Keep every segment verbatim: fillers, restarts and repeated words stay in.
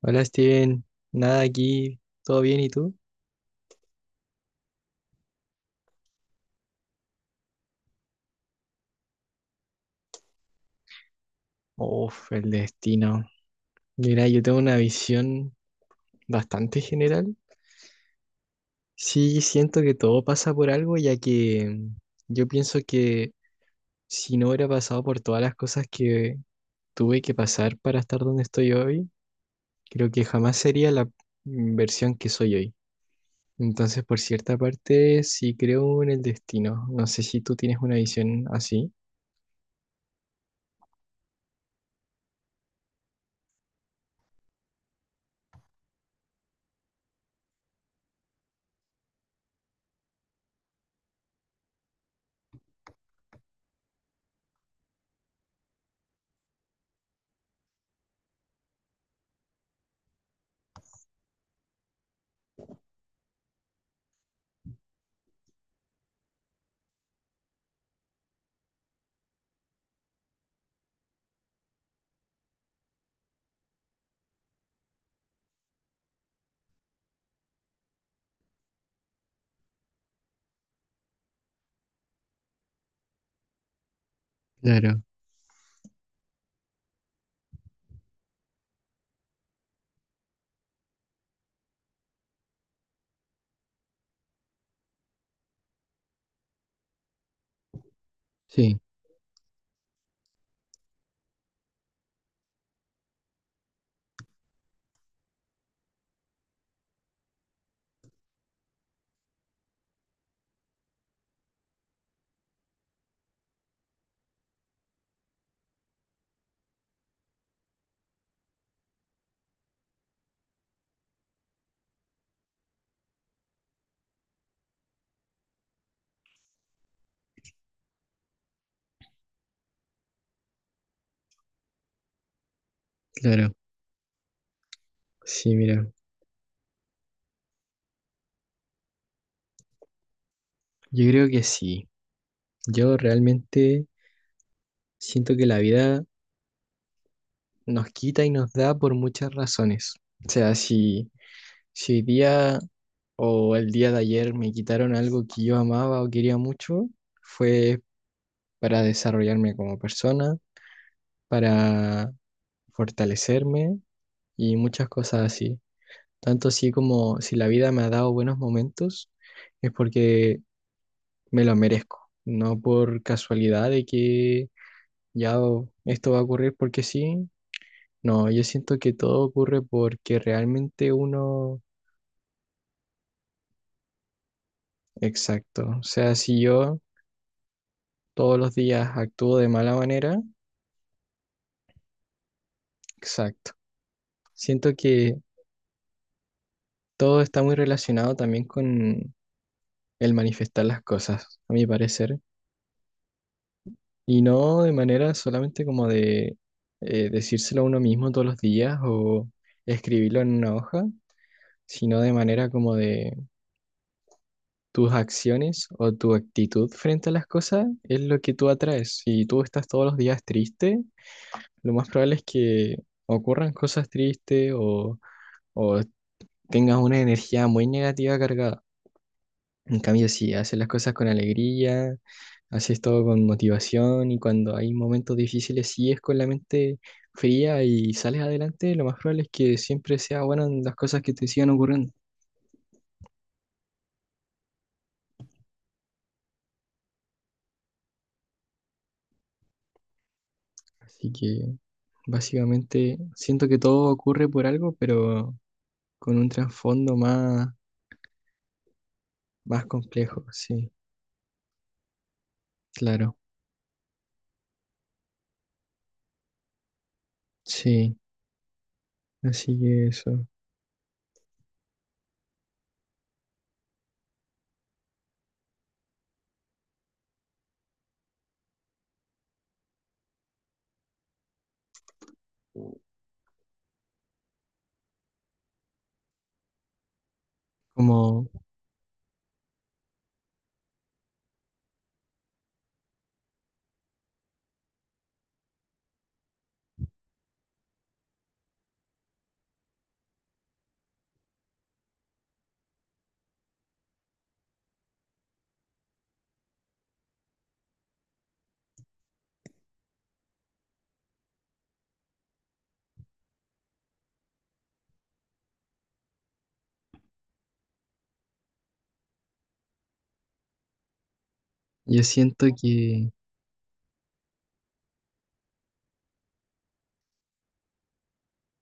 Hola Steven, nada aquí, ¿todo bien y tú? Uf, el destino. Mira, yo tengo una visión bastante general. Sí, siento que todo pasa por algo, ya que mm, yo pienso que si no hubiera pasado por todas las cosas que tuve que pasar para estar donde estoy hoy, creo que jamás sería la versión que soy hoy. Entonces, por cierta parte, sí creo en el destino. No sé si tú tienes una visión así. Claro, sí, claro. Sí, mira. Yo creo que sí. Yo realmente siento que la vida nos quita y nos da por muchas razones. O sea, si, si hoy día o el día de ayer me quitaron algo que yo amaba o quería mucho, fue para desarrollarme como persona, para fortalecerme y muchas cosas así. Tanto así como si la vida me ha dado buenos momentos, es porque me lo merezco, no por casualidad de que ya esto va a ocurrir porque sí. No, yo siento que todo ocurre porque realmente uno, exacto, o sea, si yo todos los días actúo de mala manera, exacto. Siento que todo está muy relacionado también con el manifestar las cosas, a mi parecer, y no de manera solamente como de eh, decírselo a uno mismo todos los días o escribirlo en una hoja, sino de manera como de tus acciones o tu actitud frente a las cosas es lo que tú atraes. Si tú estás todos los días triste, lo más probable es que ocurran cosas tristes o, o tengas una energía muy negativa cargada. En cambio, si haces las cosas con alegría, haces todo con motivación y cuando hay momentos difíciles sigues con la mente fría y sales adelante, lo más probable es que siempre sea bueno en las cosas que te sigan ocurriendo. Así que básicamente siento que todo ocurre por algo, pero con un trasfondo más, más complejo, sí, claro, sí, así que eso, como yo siento que,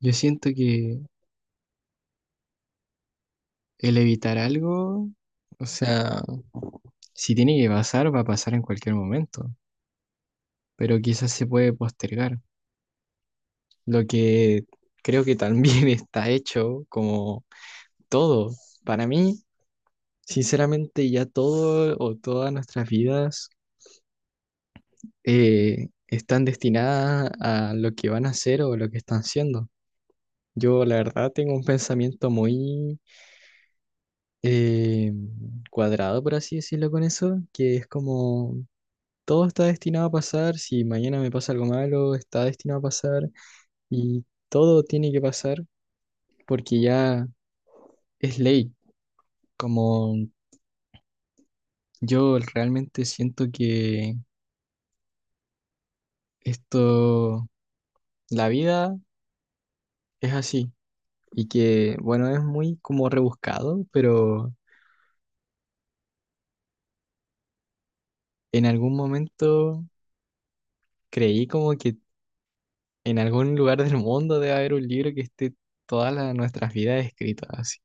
yo siento que el evitar algo, o sea, si tiene que pasar, va a pasar en cualquier momento, pero quizás se puede postergar, lo que creo que también está hecho como todo, para mí, sinceramente ya todo o todas nuestras vidas eh, están destinadas a lo que van a hacer o lo que están siendo. Yo la verdad tengo un pensamiento muy eh, cuadrado, por así decirlo, con eso, que es como todo está destinado a pasar, si mañana me pasa algo malo, está destinado a pasar y todo tiene que pasar porque ya es ley. Como yo realmente siento que esto, la vida es así y que, bueno, es muy como rebuscado, pero en algún momento creí como que en algún lugar del mundo debe haber un libro que esté todas las- nuestras vidas escritas, así.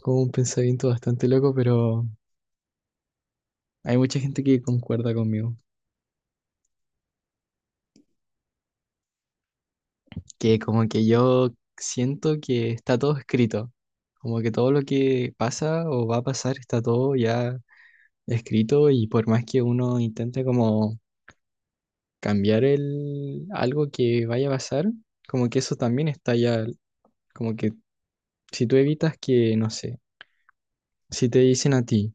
Como un pensamiento bastante loco, pero hay mucha gente que concuerda conmigo, que como que yo siento que está todo escrito, como que todo lo que pasa o va a pasar está todo ya escrito y por más que uno intente como cambiar el algo que vaya a pasar, como que eso también está ya, como que si tú evitas que, no sé, si te dicen a ti,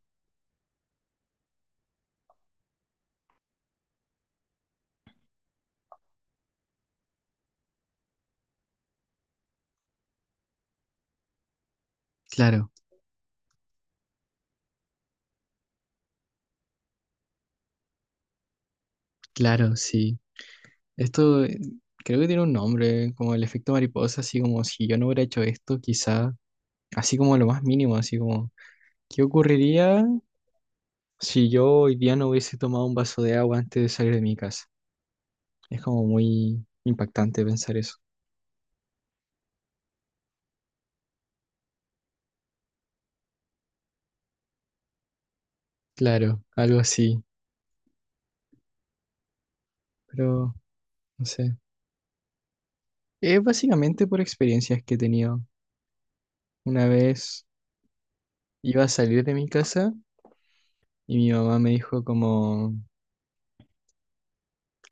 claro, claro, sí. Esto eh, creo que tiene un nombre, como el efecto mariposa, así como si yo no hubiera hecho esto, quizá, así como lo más mínimo, así como, ¿qué ocurriría si yo hoy día no hubiese tomado un vaso de agua antes de salir de mi casa? Es como muy impactante pensar eso. Claro, algo así, pero no sé. Es básicamente por experiencias que he tenido. Una vez iba a salir de mi casa y mi mamá me dijo como...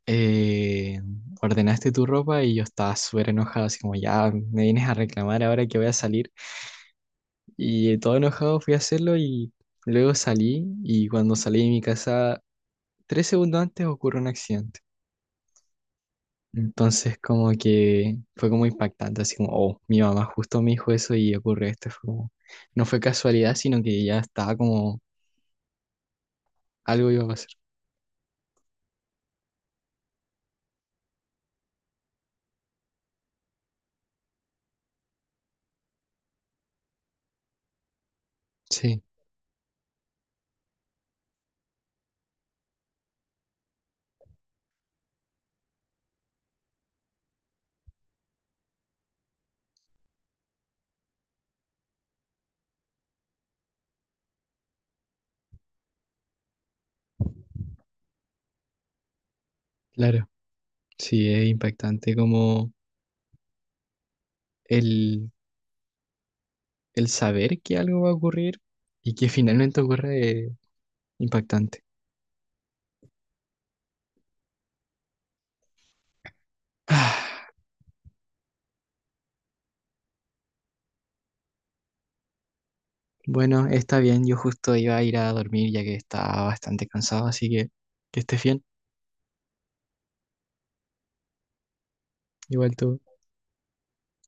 eh, ordenaste tu ropa y yo estaba súper enojado, así como ya me vienes a reclamar ahora que voy a salir. Y eh, todo enojado fui a hacerlo y luego salí y cuando salí de mi casa, tres segundos antes ocurre un accidente. Entonces como que fue como impactante, así como, oh, mi mamá justo me dijo eso y ocurre esto. Fue como- no fue casualidad, sino que ya estaba como algo iba a pasar. Sí, claro, sí, es impactante como el el saber que algo va a ocurrir y que finalmente ocurre eh, impactante. Ah, bueno, está bien, yo justo iba a ir a dormir ya que estaba bastante cansado, así que que estés bien, igual tú.